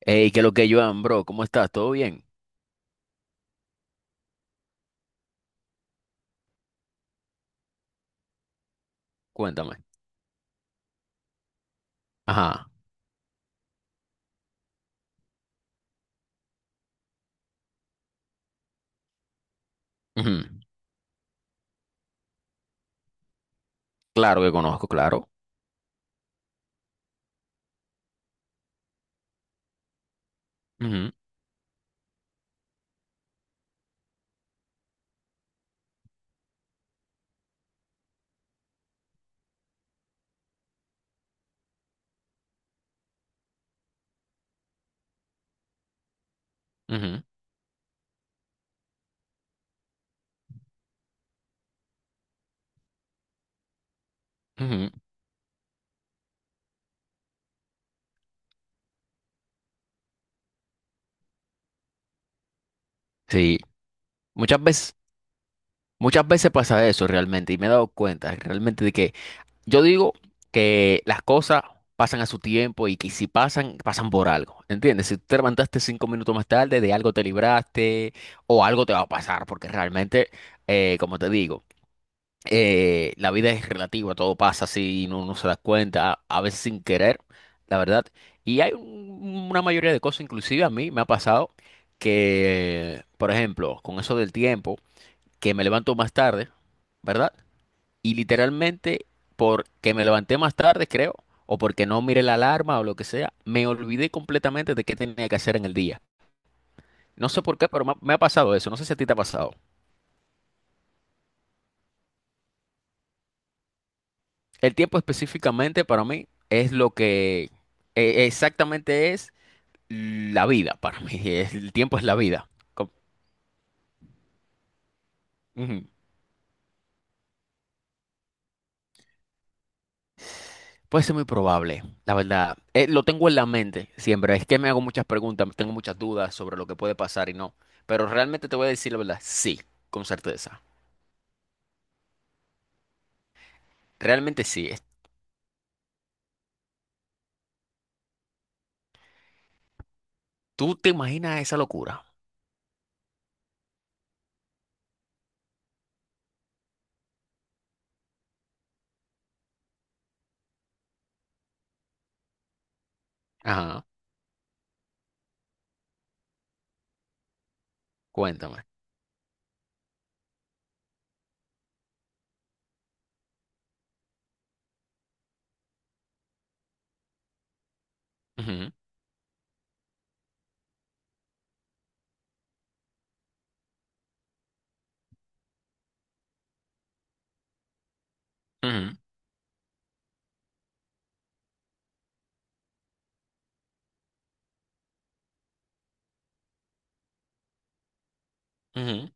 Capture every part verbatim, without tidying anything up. Hey, ¿qué es lo que yo bro? ¿Cómo estás? ¿Todo bien? Cuéntame. Ajá. Ujú. Claro que conozco, claro. Ujú, ujú, ujú. Sí. Muchas veces, muchas veces pasa eso realmente y me he dado cuenta realmente de que yo digo que las cosas pasan a su tiempo y que si pasan, pasan por algo. ¿Entiendes? Si tú te levantaste cinco minutos más tarde, de algo te libraste o algo te va a pasar porque realmente, eh, como te digo. Eh, la vida es relativa, todo pasa así y no, no se da cuenta, a, a veces sin querer, la verdad. Y hay un- una mayoría de cosas, inclusive a mí me ha pasado que, por ejemplo, con eso del tiempo, que me levanto más tarde, ¿verdad? Y literalmente, porque me levanté más tarde, creo, o porque no miré la alarma o lo que sea, me olvidé completamente de qué tenía que hacer en el día. No sé por qué, pero me ha me ha pasado eso. No sé si a ti te ha pasado. El tiempo específicamente para mí es lo que eh, exactamente es la vida para mí. es- El tiempo es la vida. Com- Ujú. Puede ser muy probable, la verdad. Eh, lo tengo en la mente siempre. Es que me hago muchas preguntas, tengo muchas dudas sobre lo que puede pasar y no. Pero realmente te voy a decir la verdad. Sí, con certeza. Realmente sí. Es- ¿Tú te imaginas esa locura? Ajá, cuéntame. Ujú, ujú, ujú.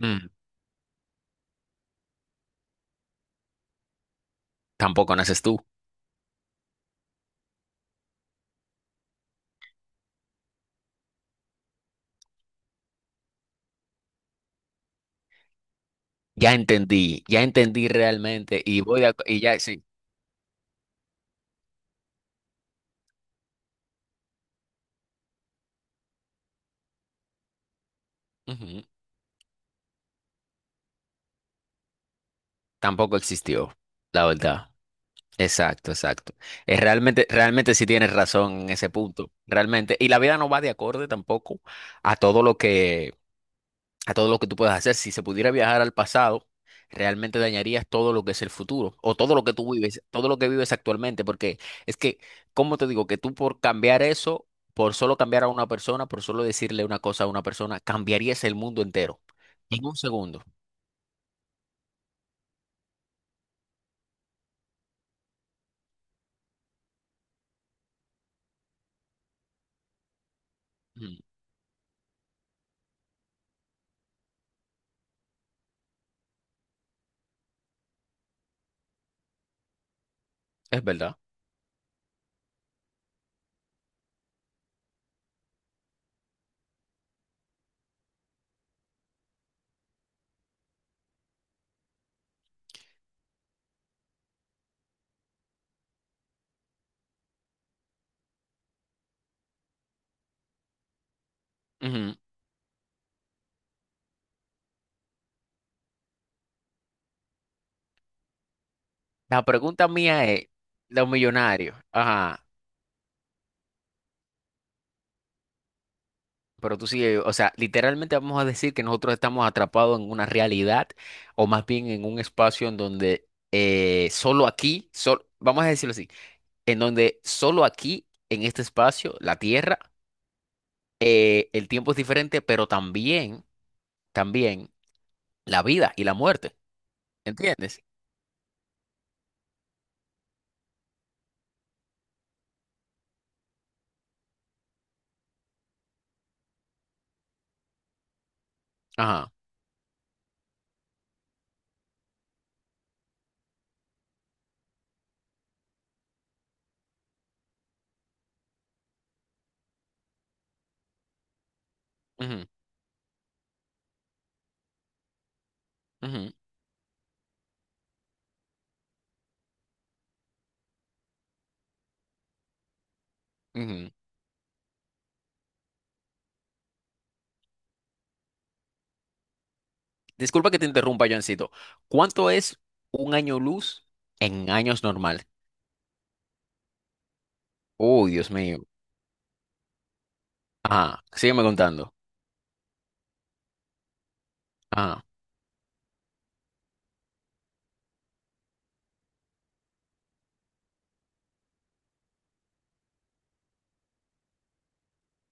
Mm. Tampoco naces tú. Ya entendí, ya entendí realmente y voy a, y ya, sí, ujú. Tampoco existió, la verdad. Exacto, exacto. Es realmente, realmente sí tienes razón en ese punto, realmente. Y la vida no va de acorde tampoco a todo lo que a todo lo que tú puedas hacer. Si se pudiera viajar al pasado, realmente dañarías todo lo que es el futuro o todo lo que tú vives, todo lo que vives actualmente, porque es que, ¿cómo te digo? Que tú por cambiar eso, por solo cambiar a una persona, por solo decirle una cosa a una persona, cambiarías el mundo entero en un segundo. Ujú. Es verdad. Ujú. La pregunta mía es, los millonarios, ajá. Pero tú sí, o sea, literalmente vamos a decir que nosotros estamos atrapados en una realidad o más bien en un espacio en donde eh, solo aquí, sol- vamos a decirlo así, en donde solo aquí, en este espacio, la Tierra, eh, el tiempo es diferente, pero también, también la vida y la muerte, ¿entiendes? Ajá. Ujú, ujú, ujú. Disculpa que te interrumpa, Joancito. ¿Cuánto es un año luz en años normal? Uy, Dios mío. Ajá, sígueme contando. Ajá.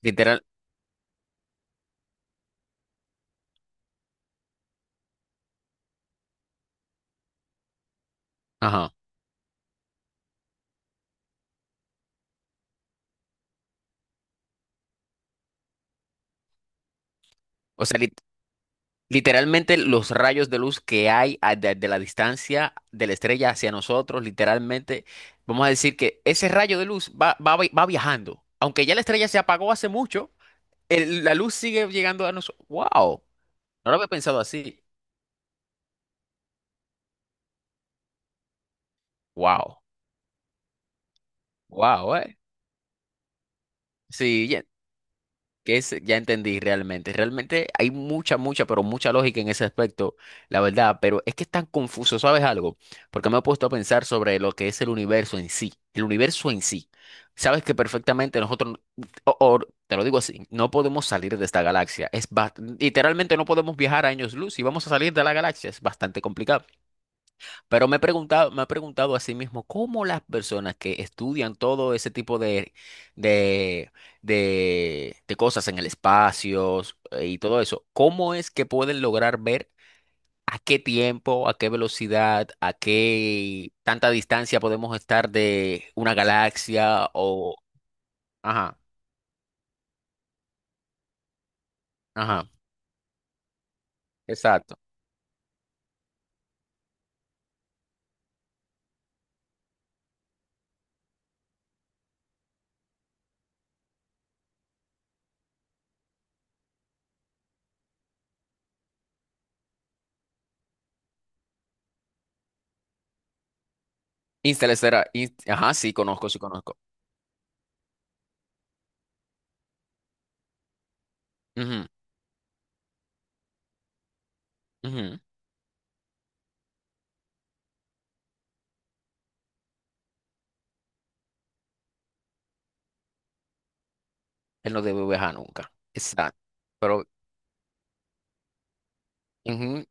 Literal, ajá. O sea, lit- literalmente los rayos de luz que hay a- de, de la distancia de la estrella hacia nosotros, literalmente, vamos a decir que ese rayo de luz va, va, vi- va viajando. Aunque ya la estrella se apagó hace mucho, el- la luz sigue llegando a nosotros. ¡Wow! No lo había pensado así. ¡Wow! ¡Wow, eh! Sí, que es, ya entendí realmente. Realmente hay mucha, mucha, pero mucha lógica en ese aspecto, la verdad. Pero es que es tan confuso, ¿sabes algo? Porque me he puesto a pensar sobre lo que es el universo en sí. El universo en sí. Sabes que perfectamente nosotros, o, o te lo digo así, no podemos salir de esta galaxia. Es bas- literalmente no podemos viajar a años luz, y vamos a salir de la galaxia, es bastante complicado. Pero me he preguntado, me he preguntado a sí mismo cómo las personas que estudian todo ese tipo de, de, de, de cosas en el espacio eh, y todo eso, ¿cómo es que pueden lograr ver a qué tiempo, a qué velocidad, a qué tanta distancia podemos estar de una galaxia o... Ajá, ajá, exacto. Interestelar, in- ajá, sí, conozco, sí, conozco. Ujú, ujú. Él no debe viajar nunca. Exacto. Pero ujú,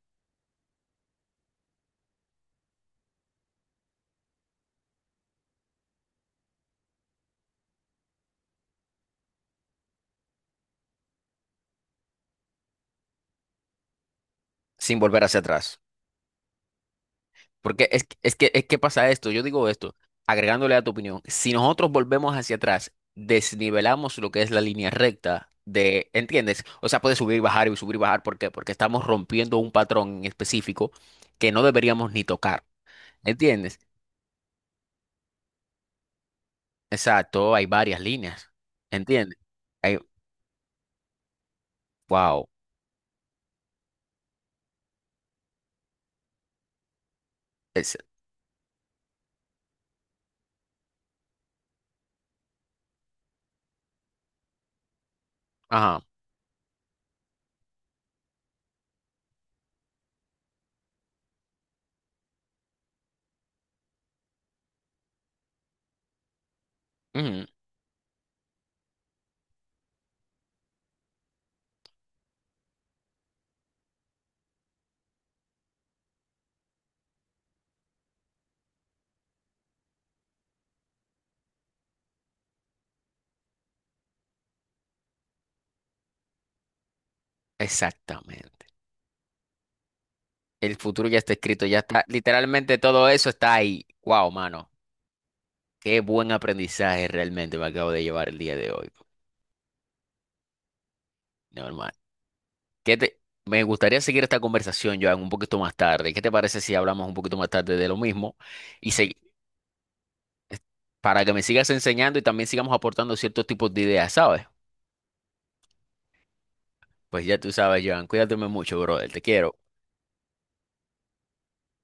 sin volver hacia atrás. Porque es, que- es que, es que pasa esto, yo digo esto, agregándole a tu opinión, si nosotros volvemos hacia atrás, desnivelamos lo que es la línea recta de, ¿entiendes? O sea, puede subir y bajar y subir y bajar, ¿por qué? Porque estamos rompiendo un patrón en específico que no deberíamos ni tocar, ¿entiendes? Exacto, hay varias líneas, ¿entiendes? Hay, wow, es, ajá, ujú, exactamente. El futuro ya está escrito, ya está, literalmente todo eso está ahí, wow, mano. Qué buen aprendizaje realmente me acabo de llevar el día de hoy. Normal. ¿Qué te... Me gustaría seguir esta conversación, Joan, un poquito más tarde. ¿Qué te parece si hablamos un poquito más tarde de lo mismo? Y se... para que me sigas enseñando y también sigamos aportando ciertos tipos de ideas, ¿sabes? Pues ya tú sabes, Joan, cuídate mucho, brother. Te quiero.